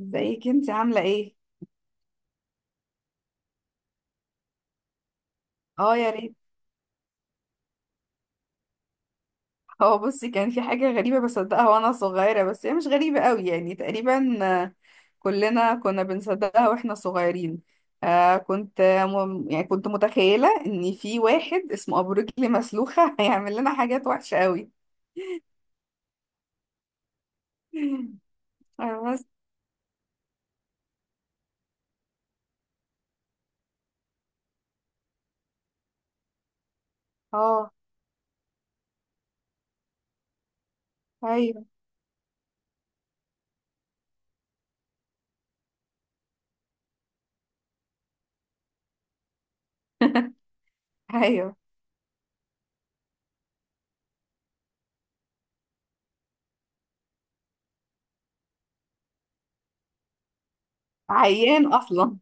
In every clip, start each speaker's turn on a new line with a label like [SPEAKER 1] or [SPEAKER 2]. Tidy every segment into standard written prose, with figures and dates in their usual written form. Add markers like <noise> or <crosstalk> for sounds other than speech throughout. [SPEAKER 1] ازيك انت عاملة ايه؟ اه يا ريت. هو بصي كان في حاجة غريبة بصدقها وانا صغيرة، بس هي مش غريبة قوي يعني تقريبا كلنا كنا بنصدقها واحنا صغيرين. آه كنت يعني كنت متخيلة ان في واحد اسمه ابو رجل مسلوخة <laughs> هيعمل لنا حاجات وحشة قوي. آه، بس اه ايوه ايوه. عيان اصلا.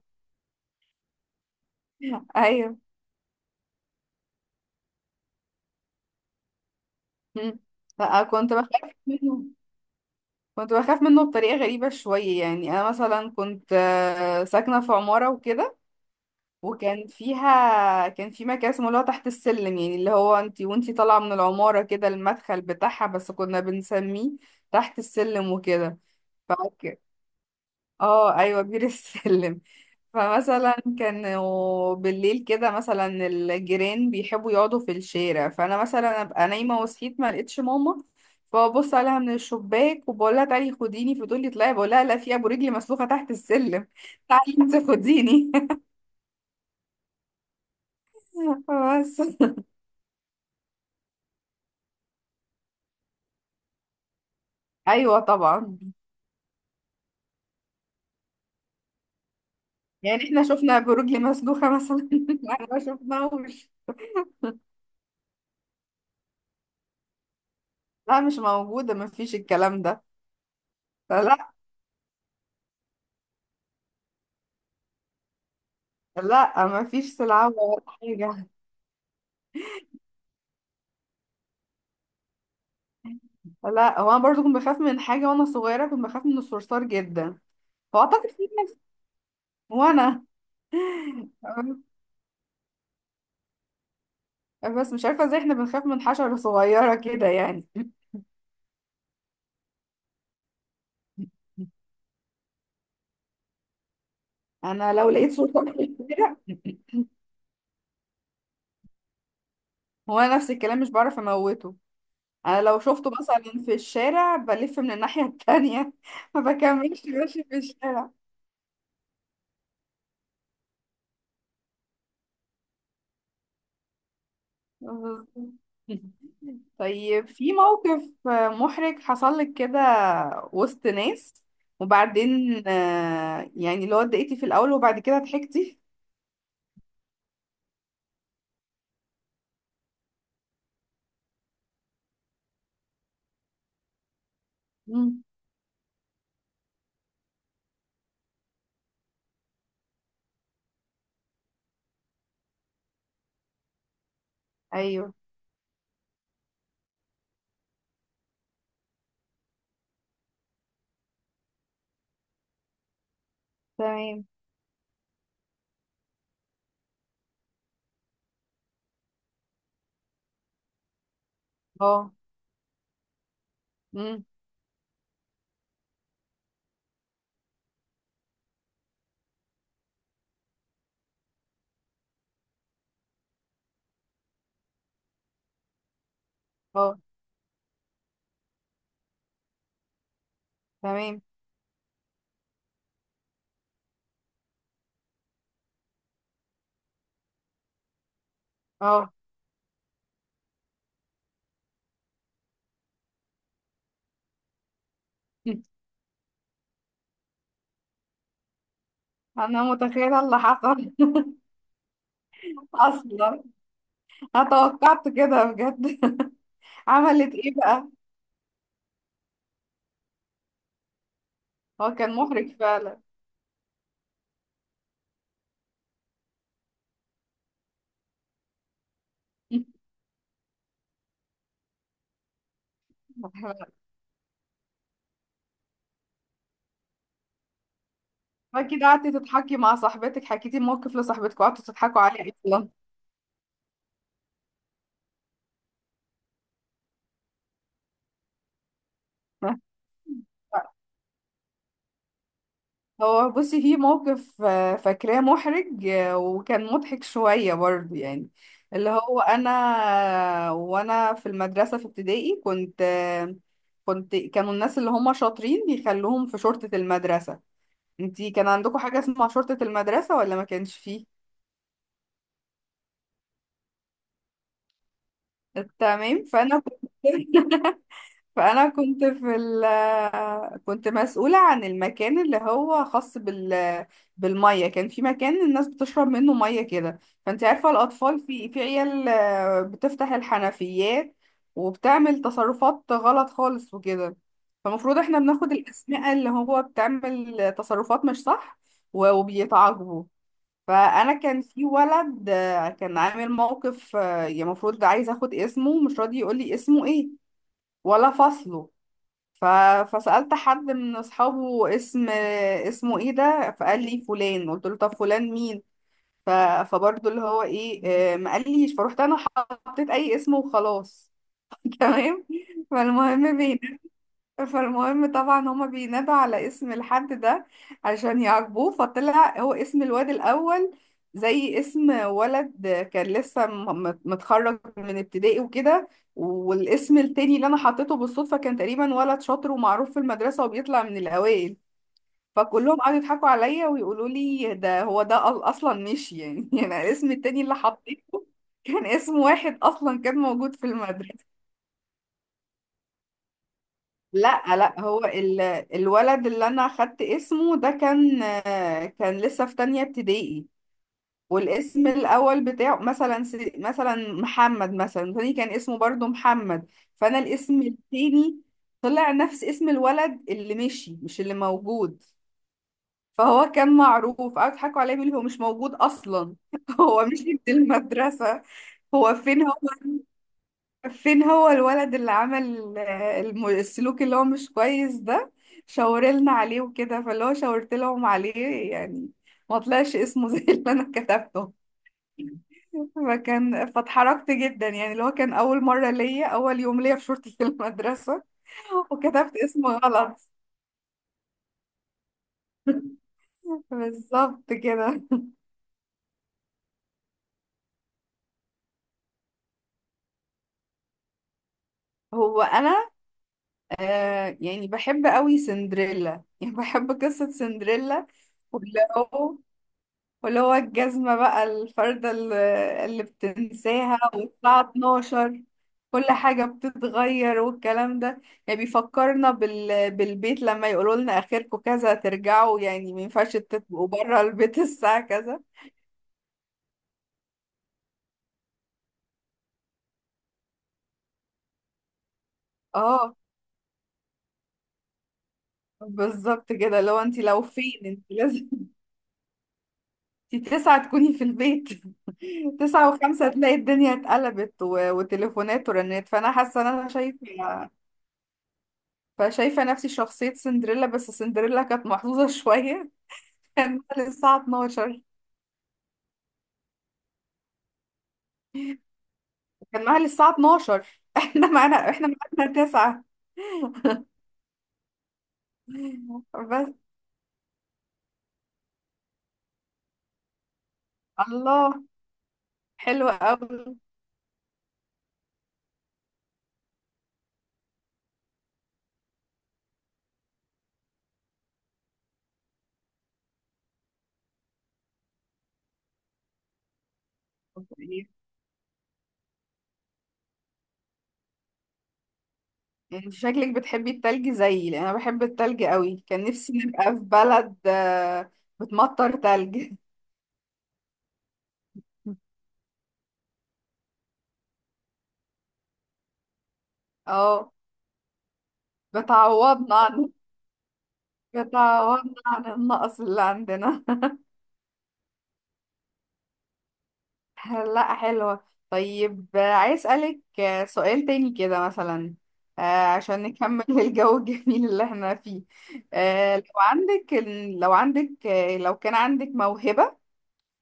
[SPEAKER 1] <laughs> ايوه. م. لا كنت بخاف منه. كنت بخاف منه بطريقة غريبة شوية، يعني أنا مثلا كنت ساكنة في عمارة وكده، وكان فيها كان في مكان اسمه اللي هو تحت السلم، يعني اللي هو انتي وانتي طالعة من العمارة كده المدخل بتاعها، بس كنا بنسميه تحت السلم وكده. اه ايوه بير السلم. <laughs> فمثلا كانوا بالليل كده مثلا الجيران بيحبوا يقعدوا في الشارع، فانا مثلا ابقى نايمه وصحيت ما لقيتش ماما، فببص عليها من الشباك وبقول لها تعالي خديني، فتقول لي اطلعي، بقول لها لا، في ابو رجلي مسلوخه تحت السلم، <laughs> تعالي انت خديني. <laughs> بس. ايوه طبعا. يعني احنا شفنا ابو رجلي مسلوخه مثلا؟ <laughs> احنا ما شفناهوش. لا مش موجوده، ما فيش الكلام ده. فلا، لا ما فيش سلعه ولا حاجه. لا هو انا برضو كنت بخاف من حاجه وانا صغيره، كنت بخاف من الصرصار جدا. فاعتقد في ناس- وانا بس مش عارفه ازاي احنا بنخاف من حشره صغيره كده يعني. انا لو لقيت صرصار في الشارع <laughs> هو أنا نفس الكلام مش بعرف اموته. انا لو شفته مثلا في الشارع بلف من الناحيه التانية، <laughs> ما بكملش ماشي في الشارع. بالظبط. طيب في موقف محرج حصل لك كده وسط ناس، وبعدين يعني اللي هو اتضايقتي في الأول وبعد كده ضحكتي؟ مم. أيوه. تمام. اه. مم. اه. تمام. اه. <laughs> أنا متخيلة اللي حصل. <laughs> أصلا أتوقعت كده بجد. <laughs> عملت إيه بقى؟ هو كان محرج فعلا. <laughs> أكيد قعدتي تضحكي مع صاحبتك، حكيتي الموقف لصاحبتك وقعدتوا تضحكوا عليه أصلا. <laughs> هو بصي في موقف فاكراه محرج وكان مضحك شوية برضه يعني. اللي هو أنا وأنا في المدرسة في ابتدائي كنت كانوا الناس اللي هم شاطرين بيخلوهم في شرطة المدرسة. انتي كان عندكم حاجة اسمها شرطة المدرسة ولا ما كانش فيه؟ تمام، فأنا كنت <laughs> فانا كنت في ال كنت مسؤوله عن المكان اللي هو خاص بالميه. كان في مكان الناس بتشرب منه ميه كده. فانت عارفه الاطفال في عيال بتفتح الحنفيات وبتعمل تصرفات غلط خالص وكده. فالمفروض احنا بناخد الاسماء اللي هو بتعمل تصرفات مش صح، و- وبيتعاقبوا. فانا كان في ولد كان عامل موقف يعني المفروض عايز اخد اسمه، مش راضي يقول لي اسمه ايه ولا فصله. ف... فسألت حد من أصحابه اسمه ايه ده، فقال لي فلان، قلت له طب فلان مين؟ ف... فبرضه اللي هو ايه ما قاليش، فروحت انا حطيت اي اسم وخلاص. <laughs> تمام. فالمهم بينا، فالمهم طبعا هما بينادوا على اسم الحد ده عشان يعاقبوه، فطلع هو اسم الواد الأول زي اسم ولد كان لسه متخرج من ابتدائي وكده. والاسم التاني اللي أنا حطيته بالصدفة كان تقريبا ولد شاطر ومعروف في المدرسة وبيطلع من الأوائل. فكلهم قعدوا يضحكوا عليا ويقولوا لي ده هو ده أصلا مش يعني، <laughs> يعني الاسم التاني اللي حطيته كان اسم واحد أصلا كان موجود في المدرسة. لا لا، الولد اللي انا اخدت اسمه ده كان كان لسه في تانية ابتدائي، والاسم الاول بتاعه مثلا مثلا محمد، مثلا تاني كان اسمه برضو محمد، فانا الاسم التاني طلع نفس اسم الولد اللي مشي مش اللي موجود. فهو كان معروف، قعدوا يضحكوا عليه بيقولوا هو مش موجود اصلا، <laughs> هو مشي من المدرسة. هو فين، فين هو الولد اللي عمل السلوك اللي هو مش كويس ده؟ شاورلنا عليه وكده، فاللي هو شاورت لهم عليه يعني، ما طلعش اسمه <laughs> زي اللي انا كتبته. فكان، فاتحرجت جدا يعني، اللي هو كان اول مره ليا، اول يوم ليا في شورتي في المدرسه، <laughs> وكتبت اسمه غلط. <laughs> بالظبط كده. هو انا آه، يعني بحب قوي سندريلا، يعني بحب قصة سندريلا. واللي هو واللي هو الجزمة بقى الفردة اللي بتنساها والساعة 12 كل حاجة بتتغير والكلام ده. يعني بيفكرنا بال... بالبيت لما يقولوا لنا آخركم كذا ترجعوا، يعني ما ينفعش تبقوا بره البيت <laughs> الساعة كذا. اه بالظبط كده. لو انت، لو فين، انت لازم <laughs> انت تسعة تكوني في البيت. <laughs> تسعة وخمسة تلاقي الدنيا اتقلبت وتليفونات ورنات، فأنا حاسة ان انا شايفة، فشايفة نفسي شخصية سندريلا. بس سندريلا كانت محظوظة <laughs> شوية، كان معاها للساعة 12. كان معاها للساعة 12، <laughs> احنا معانا تسعة. <laughs> بس. الله، حلوة قوي. انت شكلك بتحبي التلج زيي، لان انا بحب التلج قوي، كان نفسي نبقى في بلد بتمطر تلج. <laughs> اه، بتعوضنا عن، بتعوضنا عن النقص اللي عندنا. <laughs> لا حلوة. طيب آه، عايز أسألك آه، سؤال تاني كده مثلا آه، عشان نكمل <laughs> الجو الجميل اللي احنا فيه. آه، لو عندك، لو عندك آه، لو كان عندك موهبة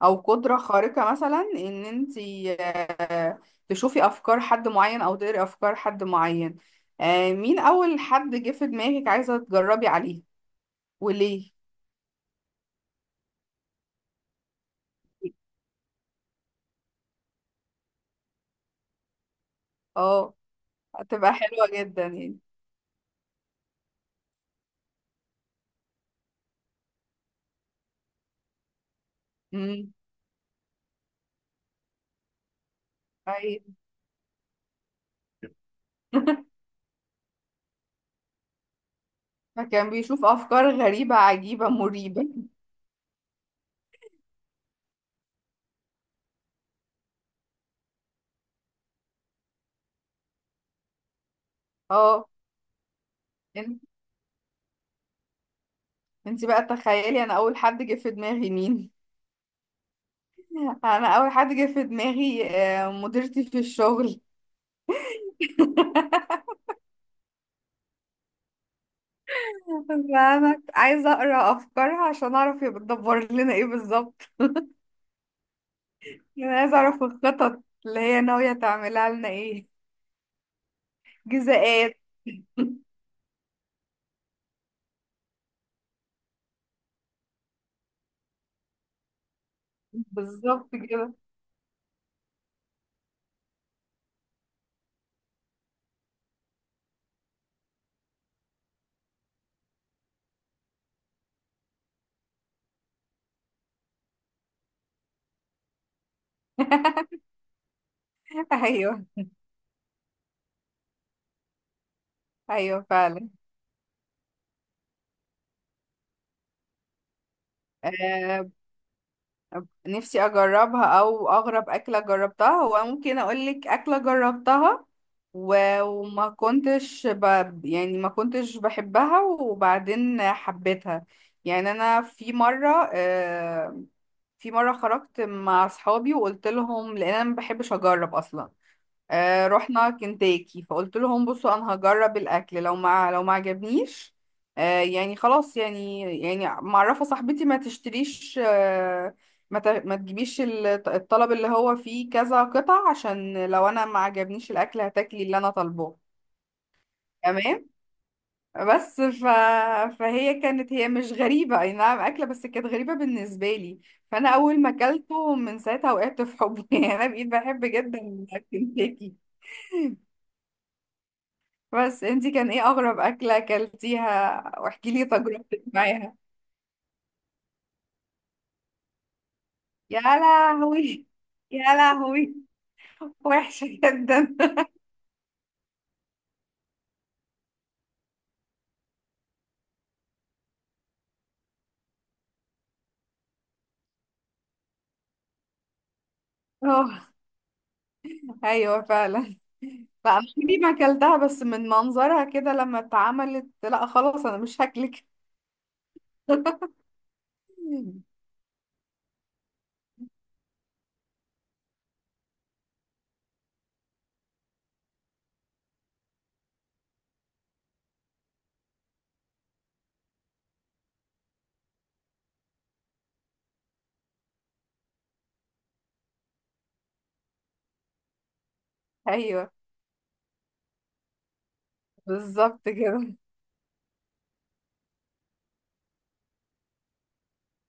[SPEAKER 1] أو قدرة خارقة مثلا، إن انتي تشوفي أفكار حد معين أو تقري أفكار حد معين مين أول حد جه في دماغك عايزة تجربي عليه وليه؟ اه هتبقى حلوة جدا يعني. امم. أيوة. <laughs> فكان بيشوف افكار غريبة عجيبة مريبة. اه. إن انت بقى تخيلي، انا اول حد جه في دماغي مين؟ <laughs> انا اول حد جه في دماغي مديرتي في الشغل. <laughs> انا عايزة اقرا افكارها عشان اعرف هي بتدبر لنا ايه بالظبط. انا عايزة اعرف الخطط اللي هي ناوية تعملها لنا ايه، جزاءات. <laughs> بالظبط كده. <laughs> ايوه ايوه فعلا. آه، نفسي اجربها. او اغرب اكله جربتها، هو ممكن اقولك اكله جربتها و- وما كنتش يعني ما كنتش بحبها وبعدين حبيتها. يعني انا في مره آه، في مره خرجت مع اصحابي وقلت لهم، لان انا ما بحبش اجرب اصلا، آه رحنا كنتاكي، فقلت لهم بصوا انا هجرب الاكل، لو ما عجبنيش، آه يعني خلاص، يعني معرفه صاحبتي ما تشتريش آه، ما تجيبيش الطلب اللي هو فيه كذا قطع، عشان لو انا ما عجبنيش الاكل هتاكلي اللي انا طالباه. تمام. بس ف... فهي كانت، هي مش غريبه اي نعم اكله، بس كانت غريبه بالنسبه لي، فانا اول ما اكلته من ساعتها وقعت في حبه، <laughs> يعني انا بقيت بحب جدا الكنتاكي. بس انتي كان ايه اغرب اكلة اكلتيها؟ واحكي لي تجربتك معاها. يا لهوي، يا لهوي، وحشة جدا. اه ايوه فعلا. لا انا دي ما اكلتها، بس من منظرها كده لما اتعملت لا خلاص انا مش هاكلك. ايوه بالظبط كده.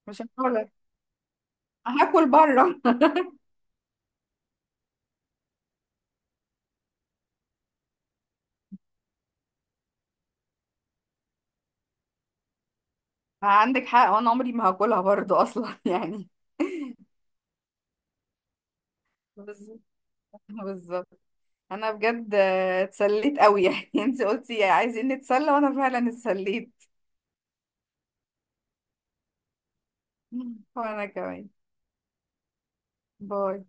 [SPEAKER 1] مش هاكلك، هاكل بره. عندك حق، وانا عمري ما هاكلها برضو اصلا <laughs> يعني. بالظبط، بالظبط. انا بجد آه، اتسليت قوي يعني، <laughs> انت قلتي عايزين نتسلى وانا فعلا اتسليت. <laughs> وانا كمان. باي.